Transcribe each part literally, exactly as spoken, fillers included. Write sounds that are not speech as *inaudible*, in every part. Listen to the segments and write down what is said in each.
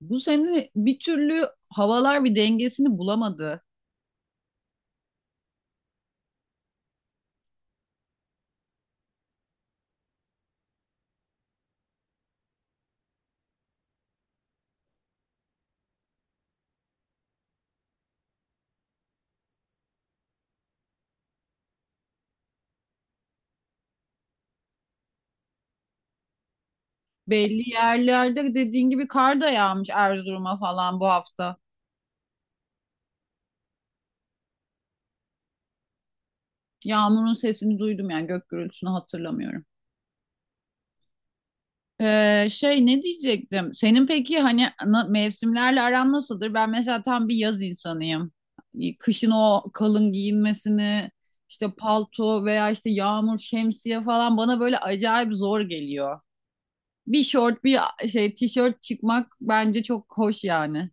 Bu sene bir türlü havalar bir dengesini bulamadı. Belli yerlerde dediğin gibi kar da yağmış Erzurum'a falan bu hafta. Yağmurun sesini duydum, yani gök gürültüsünü hatırlamıyorum. Ee, şey, ne diyecektim? Senin peki hani na- mevsimlerle aran nasıldır? Ben mesela tam bir yaz insanıyım. Kışın o kalın giyinmesini, işte palto veya işte yağmur, şemsiye falan bana böyle acayip zor geliyor. Bir şort, bir şey tişört çıkmak bence çok hoş yani.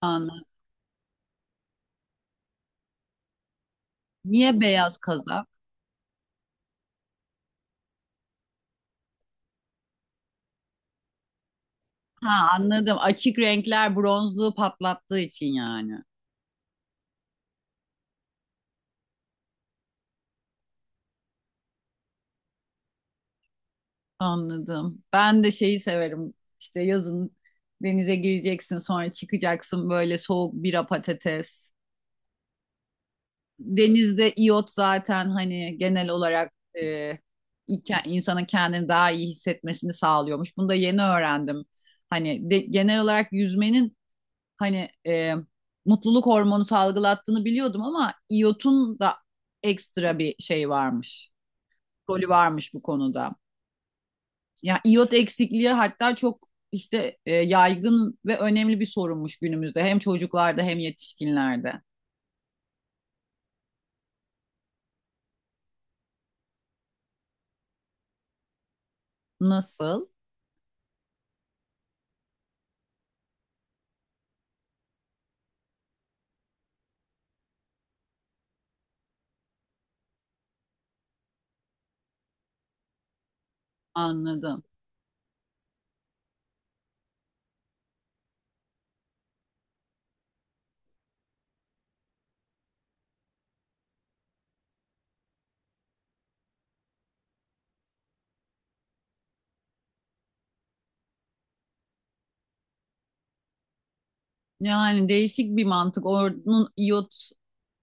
Anladım. Niye beyaz kazak? Ha, anladım. Açık renkler bronzluğu patlattığı için yani. Anladım. Ben de şeyi severim. İşte yazın denize gireceksin, sonra çıkacaksın, böyle soğuk bira patates. Denizde iyot zaten hani genel olarak e, iken- insanın kendini daha iyi hissetmesini sağlıyormuş. Bunu da yeni öğrendim. Hani de- genel olarak yüzmenin hani e, mutluluk hormonu salgılattığını biliyordum ama iyotun da ekstra bir şey varmış. Rolü varmış bu konuda. Yani iyot eksikliği hatta çok işte e, yaygın ve önemli bir sorunmuş günümüzde. Hem çocuklarda hem yetişkinlerde. Nasıl? Anladım. Yani değişik bir mantık. Onun iyot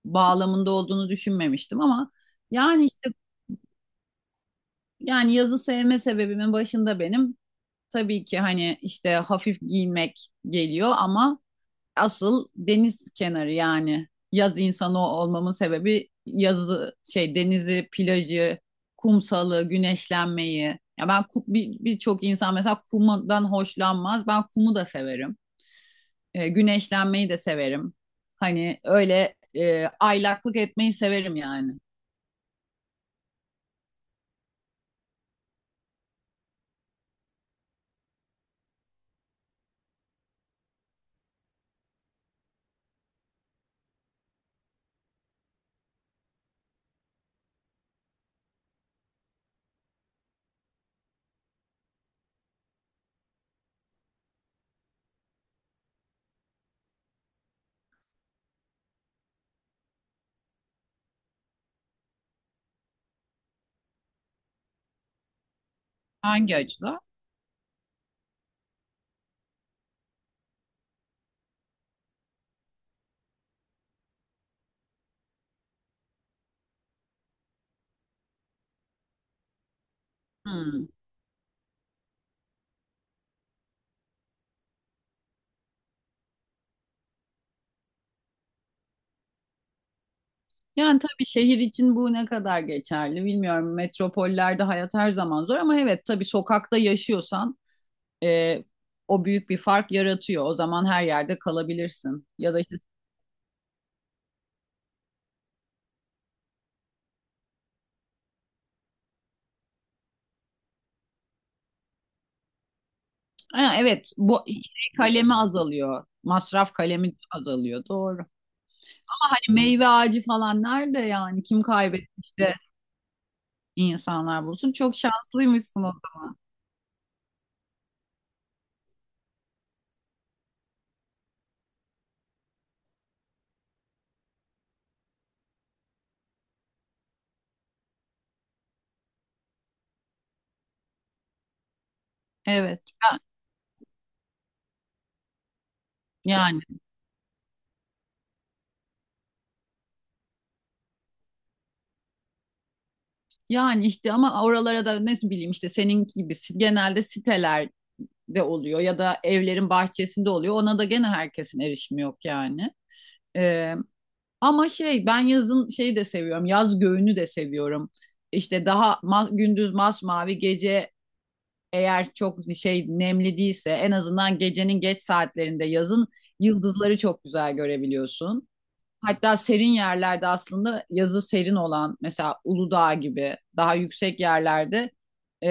bağlamında olduğunu düşünmemiştim ama yani işte yani yazı sevme sebebimin başında benim tabii ki hani işte hafif giymek geliyor ama asıl deniz kenarı, yani yaz insanı olmamın sebebi yazı, şey, denizi, plajı, kumsalı, güneşlenmeyi. Ya ben bir- birçok insan mesela kumdan hoşlanmaz. Ben kumu da severim. E, güneşlenmeyi de severim. Hani öyle e, aylaklık etmeyi severim yani. Hangi açıdan? Hmm. Yani tabii şehir için bu ne kadar geçerli bilmiyorum. Metropollerde hayat her zaman zor ama evet, tabii sokakta yaşıyorsan e, o büyük bir fark yaratıyor. O zaman her yerde kalabilirsin. Ya da işte ha, evet, bu şey kalemi azalıyor. Masraf kalemi azalıyor, doğru. Hani meyve ağacı falan nerede yani, kim kaybetmiş de insanlar bulsun. Çok şanslıymışsın o zaman. Evet. Ben- Yani, yani işte ama oralara da ne bileyim işte senin gibi si- genelde siteler de oluyor ya da evlerin bahçesinde oluyor. Ona da gene herkesin erişimi yok yani. Ee, Ama şey, ben yazın şeyi de seviyorum. Yaz göğünü de seviyorum. İşte daha ma gündüz masmavi, gece eğer çok şey nemli değilse en azından gecenin geç saatlerinde yazın yıldızları çok güzel görebiliyorsun. Hatta serin yerlerde, aslında yazı serin olan, mesela Uludağ gibi daha yüksek yerlerde e,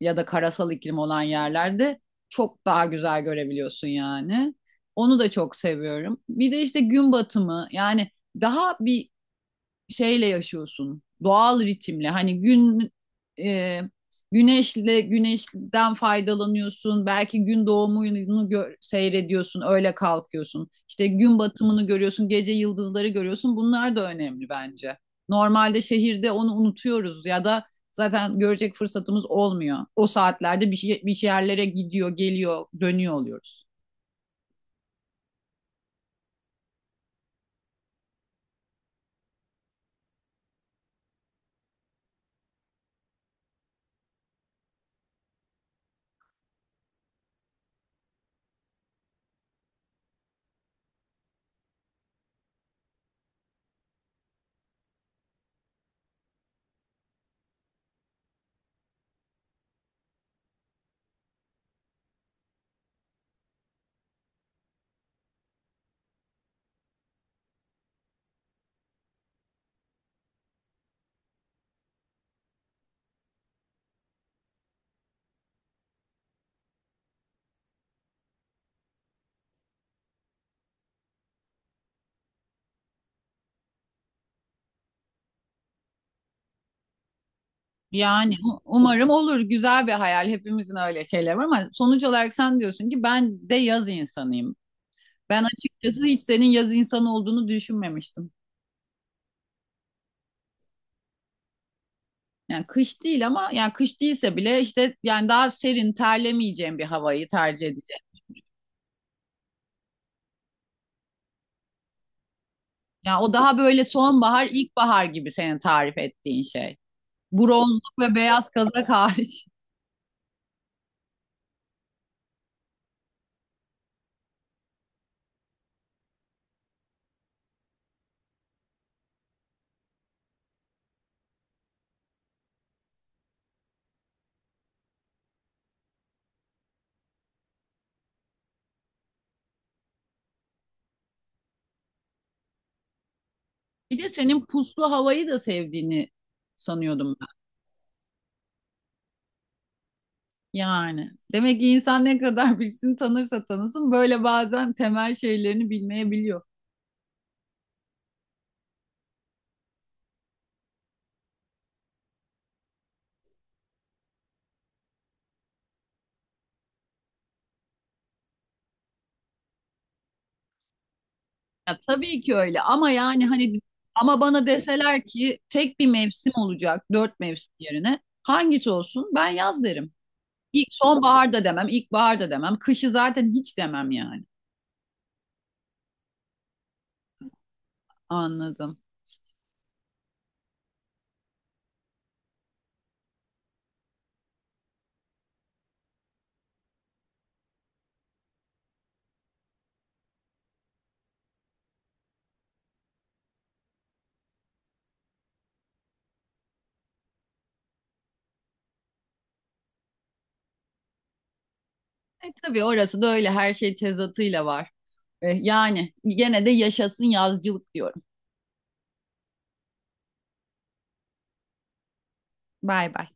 ya da karasal iklim olan yerlerde çok daha güzel görebiliyorsun yani. Onu da çok seviyorum. Bir de işte gün batımı, yani daha bir şeyle yaşıyorsun. Doğal ritimle. Hani gün e, güneşle, güneşten faydalanıyorsun. Belki gün doğumunu gö- seyrediyorsun. Öyle kalkıyorsun. İşte gün batımını görüyorsun. Gece yıldızları görüyorsun. Bunlar da önemli bence. Normalde şehirde onu unutuyoruz ya da zaten görecek fırsatımız olmuyor. O saatlerde bir, şey, bir yerlere gidiyor, geliyor, dönüyor oluyoruz. Yani u- umarım olur. Güzel bir hayal. Hepimizin öyle şeyler var, ama sonuç olarak sen diyorsun ki ben de yaz insanıyım. Ben açıkçası hiç senin yaz insanı olduğunu düşünmemiştim. Yani kış değil ama, yani kış değilse bile işte yani daha serin, terlemeyeceğim bir havayı tercih edeceğim. Yani o daha böyle sonbahar, ilkbahar gibi senin tarif ettiğin şey. Bronzluk ve beyaz kazak hariç. Bir de senin puslu havayı da sevdiğini sanıyordum. Yani demek ki insan ne kadar *laughs* birisini tanırsa tanısın, böyle bazen temel şeylerini bilmeyebiliyor. Ya, tabii ki öyle ama yani hani, ama bana deseler ki tek bir mevsim olacak dört mevsim yerine hangisi olsun, ben yaz derim. İlk sonbahar da demem, ilkbahar da demem, kışı zaten hiç demem yani. Anladım. E tabii orası da öyle, her şey tezatıyla var. E, yani gene de yaşasın yazcılık diyorum. Bay bay.